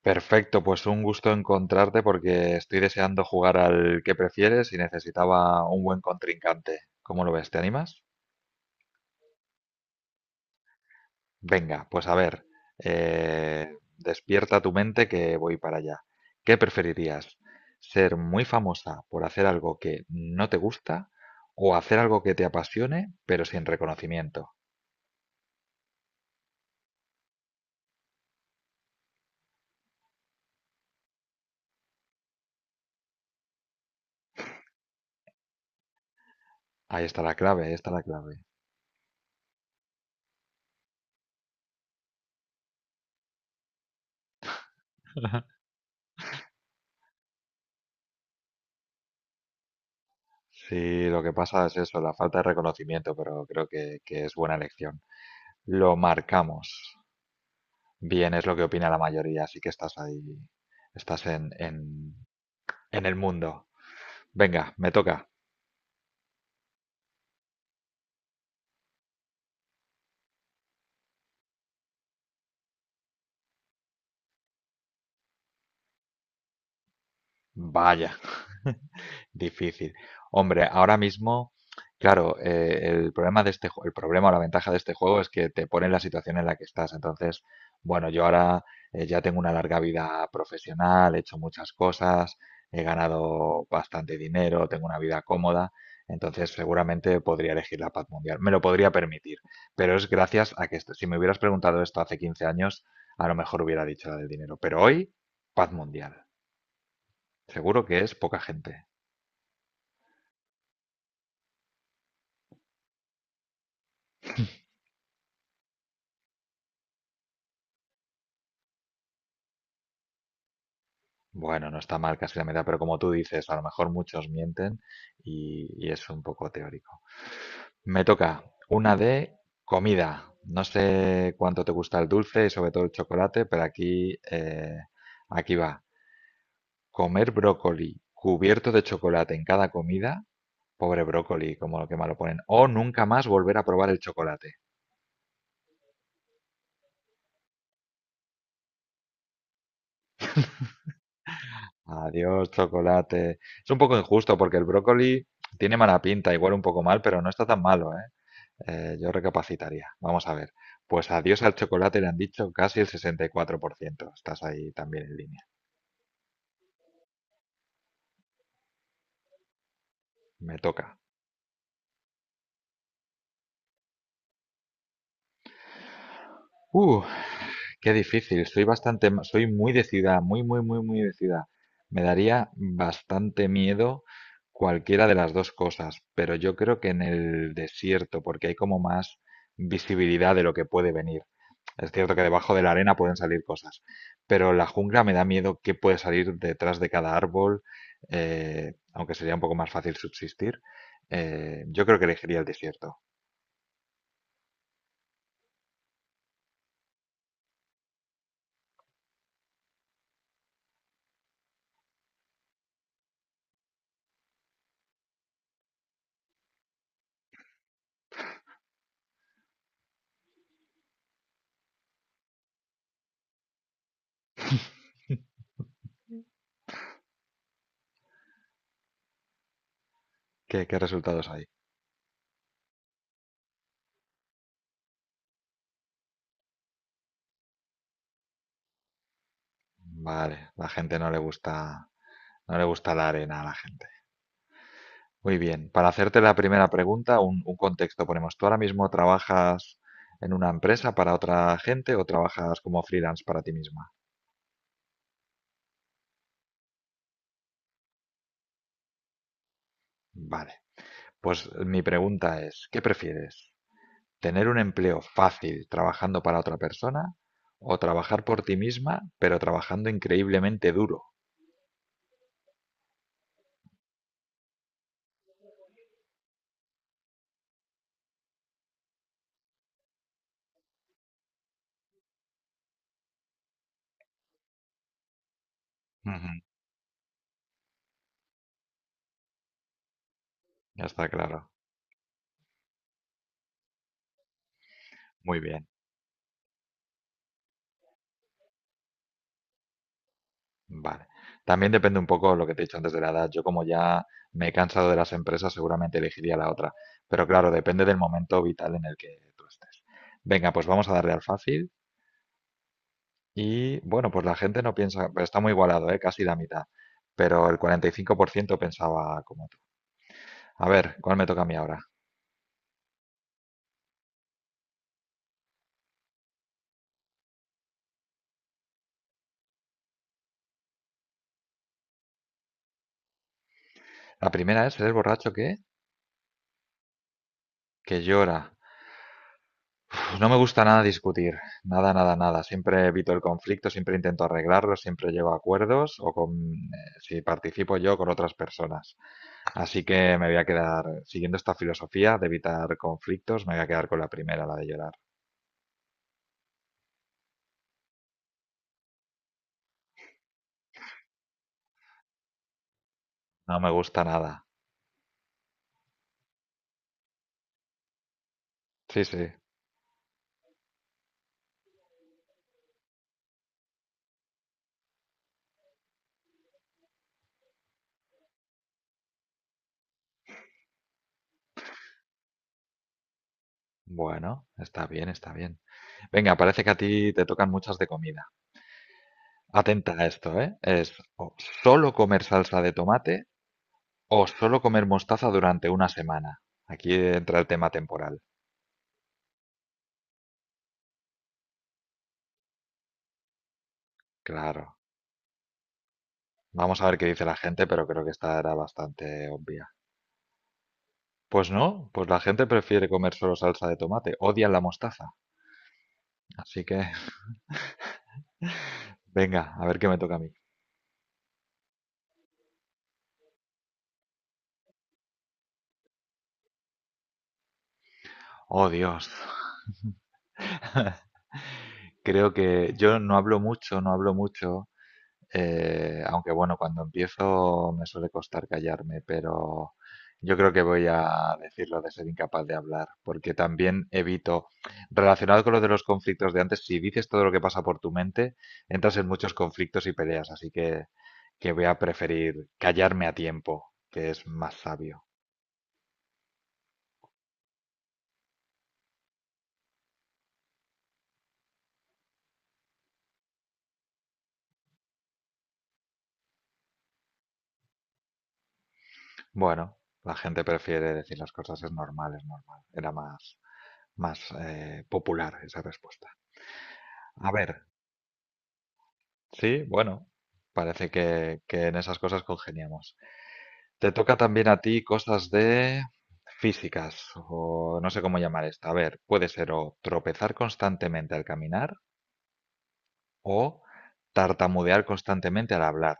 Perfecto, pues un gusto encontrarte porque estoy deseando jugar al que prefieres y necesitaba un buen contrincante. ¿Cómo lo ves? ¿Te animas? Venga, pues a ver, despierta tu mente que voy para allá. ¿Qué preferirías? ¿Ser muy famosa por hacer algo que no te gusta o hacer algo que te apasione pero sin reconocimiento? Ahí está la clave, ahí está la clave. Sí, lo que pasa es eso, la falta de reconocimiento, pero creo que es buena elección. Lo marcamos. Bien, es lo que opina la mayoría, así que estás ahí, estás en el mundo. Venga, me toca. Vaya. Difícil. Hombre, ahora mismo, claro, el problema o la ventaja de este juego es que te pone en la situación en la que estás. Entonces, bueno, yo ahora ya tengo una larga vida profesional, he hecho muchas cosas, he ganado bastante dinero, tengo una vida cómoda. Entonces, seguramente podría elegir la paz mundial. Me lo podría permitir, pero es gracias a que si me hubieras preguntado esto hace 15 años, a lo mejor hubiera dicho la del dinero. Pero hoy, paz mundial. Seguro que es poca gente. Bueno, no está mal casi la mitad, pero como tú dices, a lo mejor muchos mienten y es un poco teórico. Me toca una de comida. No sé cuánto te gusta el dulce y sobre todo el chocolate, pero aquí, aquí va. Comer brócoli cubierto de chocolate en cada comida. Pobre brócoli, como lo que malo ponen. O nunca más volver a probar el chocolate. Adiós, chocolate. Es un poco injusto porque el brócoli tiene mala pinta, igual un poco mal, pero no está tan malo, ¿eh? Yo recapacitaría. Vamos a ver. Pues adiós al chocolate le han dicho casi el 64%. Estás ahí también en línea. Me toca. Uh, Qué difícil, soy muy decidida, muy, muy, muy, muy decidida. Me daría bastante miedo cualquiera de las dos cosas, pero yo creo que en el desierto, porque hay como más visibilidad de lo que puede venir. Es cierto que debajo de la arena pueden salir cosas, pero la jungla me da miedo qué puede salir detrás de cada árbol, aunque sería un poco más fácil subsistir. Yo creo que elegiría el desierto. ¿Qué, qué resultados hay? Vale, la gente no le gusta. No le gusta la arena a la gente. Muy bien. Para hacerte la primera pregunta, un contexto ponemos. ¿Tú ahora mismo trabajas en una empresa para otra gente o trabajas como freelance para ti misma? Vale. Pues mi pregunta es, ¿qué prefieres? ¿Tener un empleo fácil trabajando para otra persona o trabajar por ti misma, pero trabajando increíblemente duro? Ujú. Ya está claro. Muy bien. Vale. También depende un poco de lo que te he dicho antes de la edad. Yo, como ya me he cansado de las empresas, seguramente elegiría la otra. Pero claro, depende del momento vital en el que tú estés. Venga, pues vamos a darle al fácil. Y bueno, pues la gente no piensa, pero está muy igualado, ¿eh? Casi la mitad. Pero el 45% pensaba como tú. A ver, ¿cuál me toca a mí ahora? La primera es, ¿eres borracho qué? Que llora. Pues no me gusta nada discutir, nada, nada, nada. Siempre evito el conflicto, siempre intento arreglarlo, siempre llego a acuerdos o con, si participo yo con otras personas. Así que me voy a quedar, siguiendo esta filosofía de evitar conflictos, me voy a quedar con la primera, la de llorar. No me gusta nada. Sí, sí. Bueno, está bien, está bien. Venga, parece que a ti te tocan muchas de comida. Atenta a esto, ¿eh? Es o solo comer salsa de tomate o solo comer mostaza durante una semana. Aquí entra el tema temporal. Claro. Vamos a ver qué dice la gente, pero creo que esta era bastante obvia. Pues no, pues la gente prefiere comer solo salsa de tomate. Odian la mostaza. Así que, venga, a ver qué me toca a mí. Oh, Dios. Creo que yo no hablo mucho, no hablo mucho. Aunque bueno, cuando empiezo me suele costar callarme, pero yo creo que voy a decirlo de ser incapaz de hablar, porque también evito, relacionado con lo de los conflictos de antes, si dices todo lo que pasa por tu mente, entras en muchos conflictos y peleas, así que voy a preferir callarme a tiempo, que es más sabio. Bueno, la gente prefiere decir las cosas, es normal, es normal. Era más popular esa respuesta. A ver. Sí, bueno, parece que en esas cosas congeniamos. Te toca también a ti cosas de físicas, o no sé cómo llamar esto. A ver, puede ser o tropezar constantemente al caminar o tartamudear constantemente al hablar.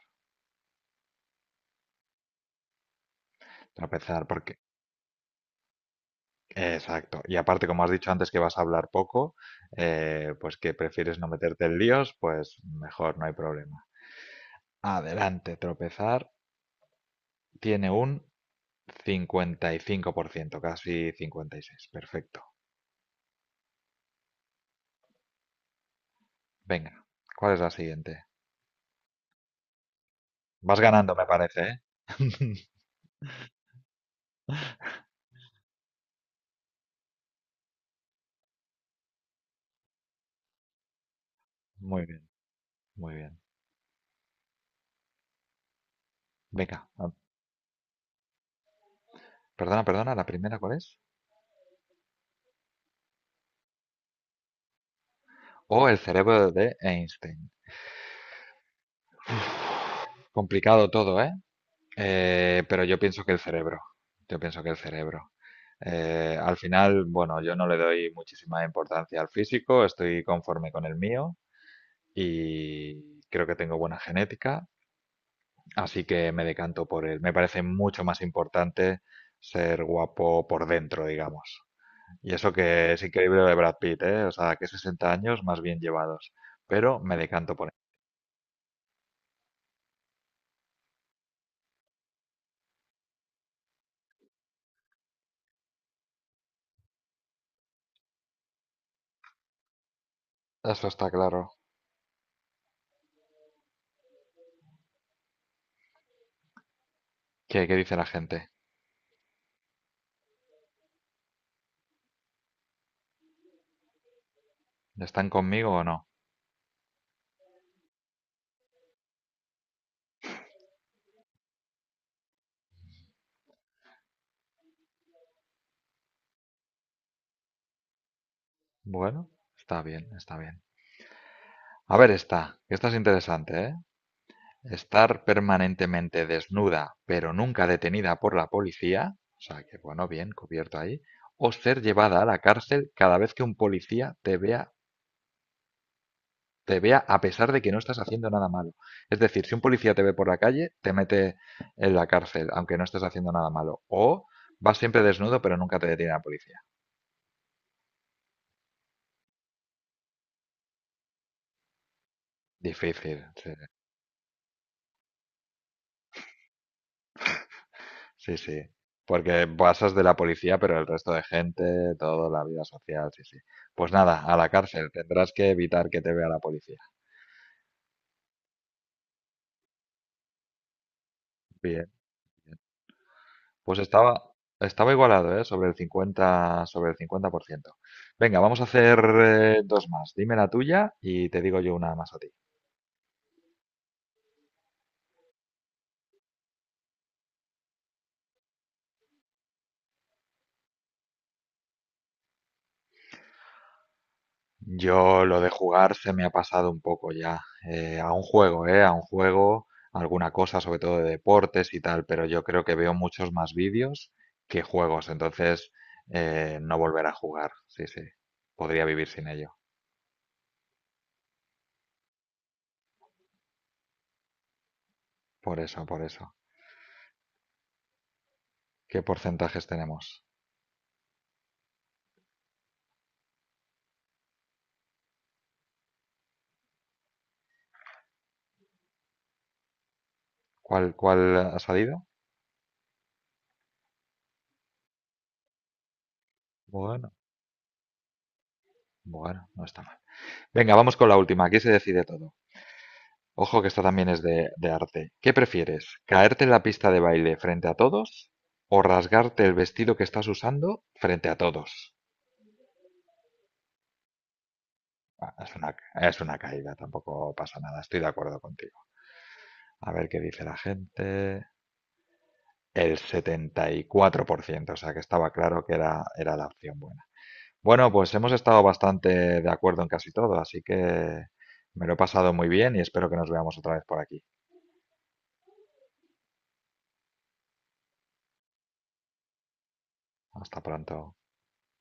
Tropezar, porque... Exacto. Y aparte, como has dicho antes que vas a hablar poco, pues que prefieres no meterte en líos, pues mejor, no hay problema. Adelante, tropezar tiene un 55%, casi 56. Perfecto. Venga, ¿cuál es la siguiente? Vas ganando, me parece, ¿eh? Muy bien, muy bien. Venga, perdona, perdona, ¿la primera cuál es? O el cerebro de Einstein. Complicado todo, ¿eh? Pero yo pienso que el cerebro. Yo pienso que el cerebro. Al final, bueno, yo no le doy muchísima importancia al físico, estoy conforme con el mío y creo que tengo buena genética. Así que me decanto por él. Me parece mucho más importante ser guapo por dentro, digamos. Y eso que es increíble lo de Brad Pitt, ¿eh? O sea, que 60 años más bien llevados. Pero me decanto por él. Eso está claro. ¿Qué, qué dice la gente? ¿Están conmigo o no? Bueno, está bien, está bien. A ver esta, que esta es interesante, ¿eh? Estar permanentemente desnuda, pero nunca detenida por la policía, o sea que bueno, bien, cubierto ahí, o ser llevada a la cárcel cada vez que un policía te vea a pesar de que no estás haciendo nada malo. Es decir, si un policía te ve por la calle, te mete en la cárcel, aunque no estés haciendo nada malo. O vas siempre desnudo, pero nunca te detiene la policía. Difícil, sí, sí. Sí. Porque pasas de la policía, pero el resto de gente, toda la vida social, sí, sí. Pues nada, a la cárcel. Tendrás que evitar que te vea la policía. Bien, bien. Pues estaba igualado, ¿eh? Sobre el 50, sobre el 50%. Venga, vamos a hacer dos más. Dime la tuya y te digo yo una más a ti. Yo lo de jugar se me ha pasado un poco ya. Eh, a un juego, ¿eh? A un juego, alguna cosa, sobre todo de deportes y tal, pero yo creo que veo muchos más vídeos que juegos, entonces no volver a jugar. Sí, sí. Podría vivir sin ello. Por eso, por eso. ¿Qué porcentajes tenemos? ¿Cuál ha salido? Bueno, bueno, no está mal. Venga, vamos con la última. Aquí se decide todo. Ojo que esta también es de arte. ¿Qué prefieres? ¿Caerte en la pista de baile frente a todos o rasgarte el vestido que estás usando frente a todos? Ah, es una, es una caída, tampoco pasa nada, estoy de acuerdo contigo. A ver qué dice la gente. El 74%, o sea que estaba claro que era la opción buena. Bueno, pues hemos estado bastante de acuerdo en casi todo, así que me lo he pasado muy bien y espero que nos veamos otra vez por aquí. Hasta pronto.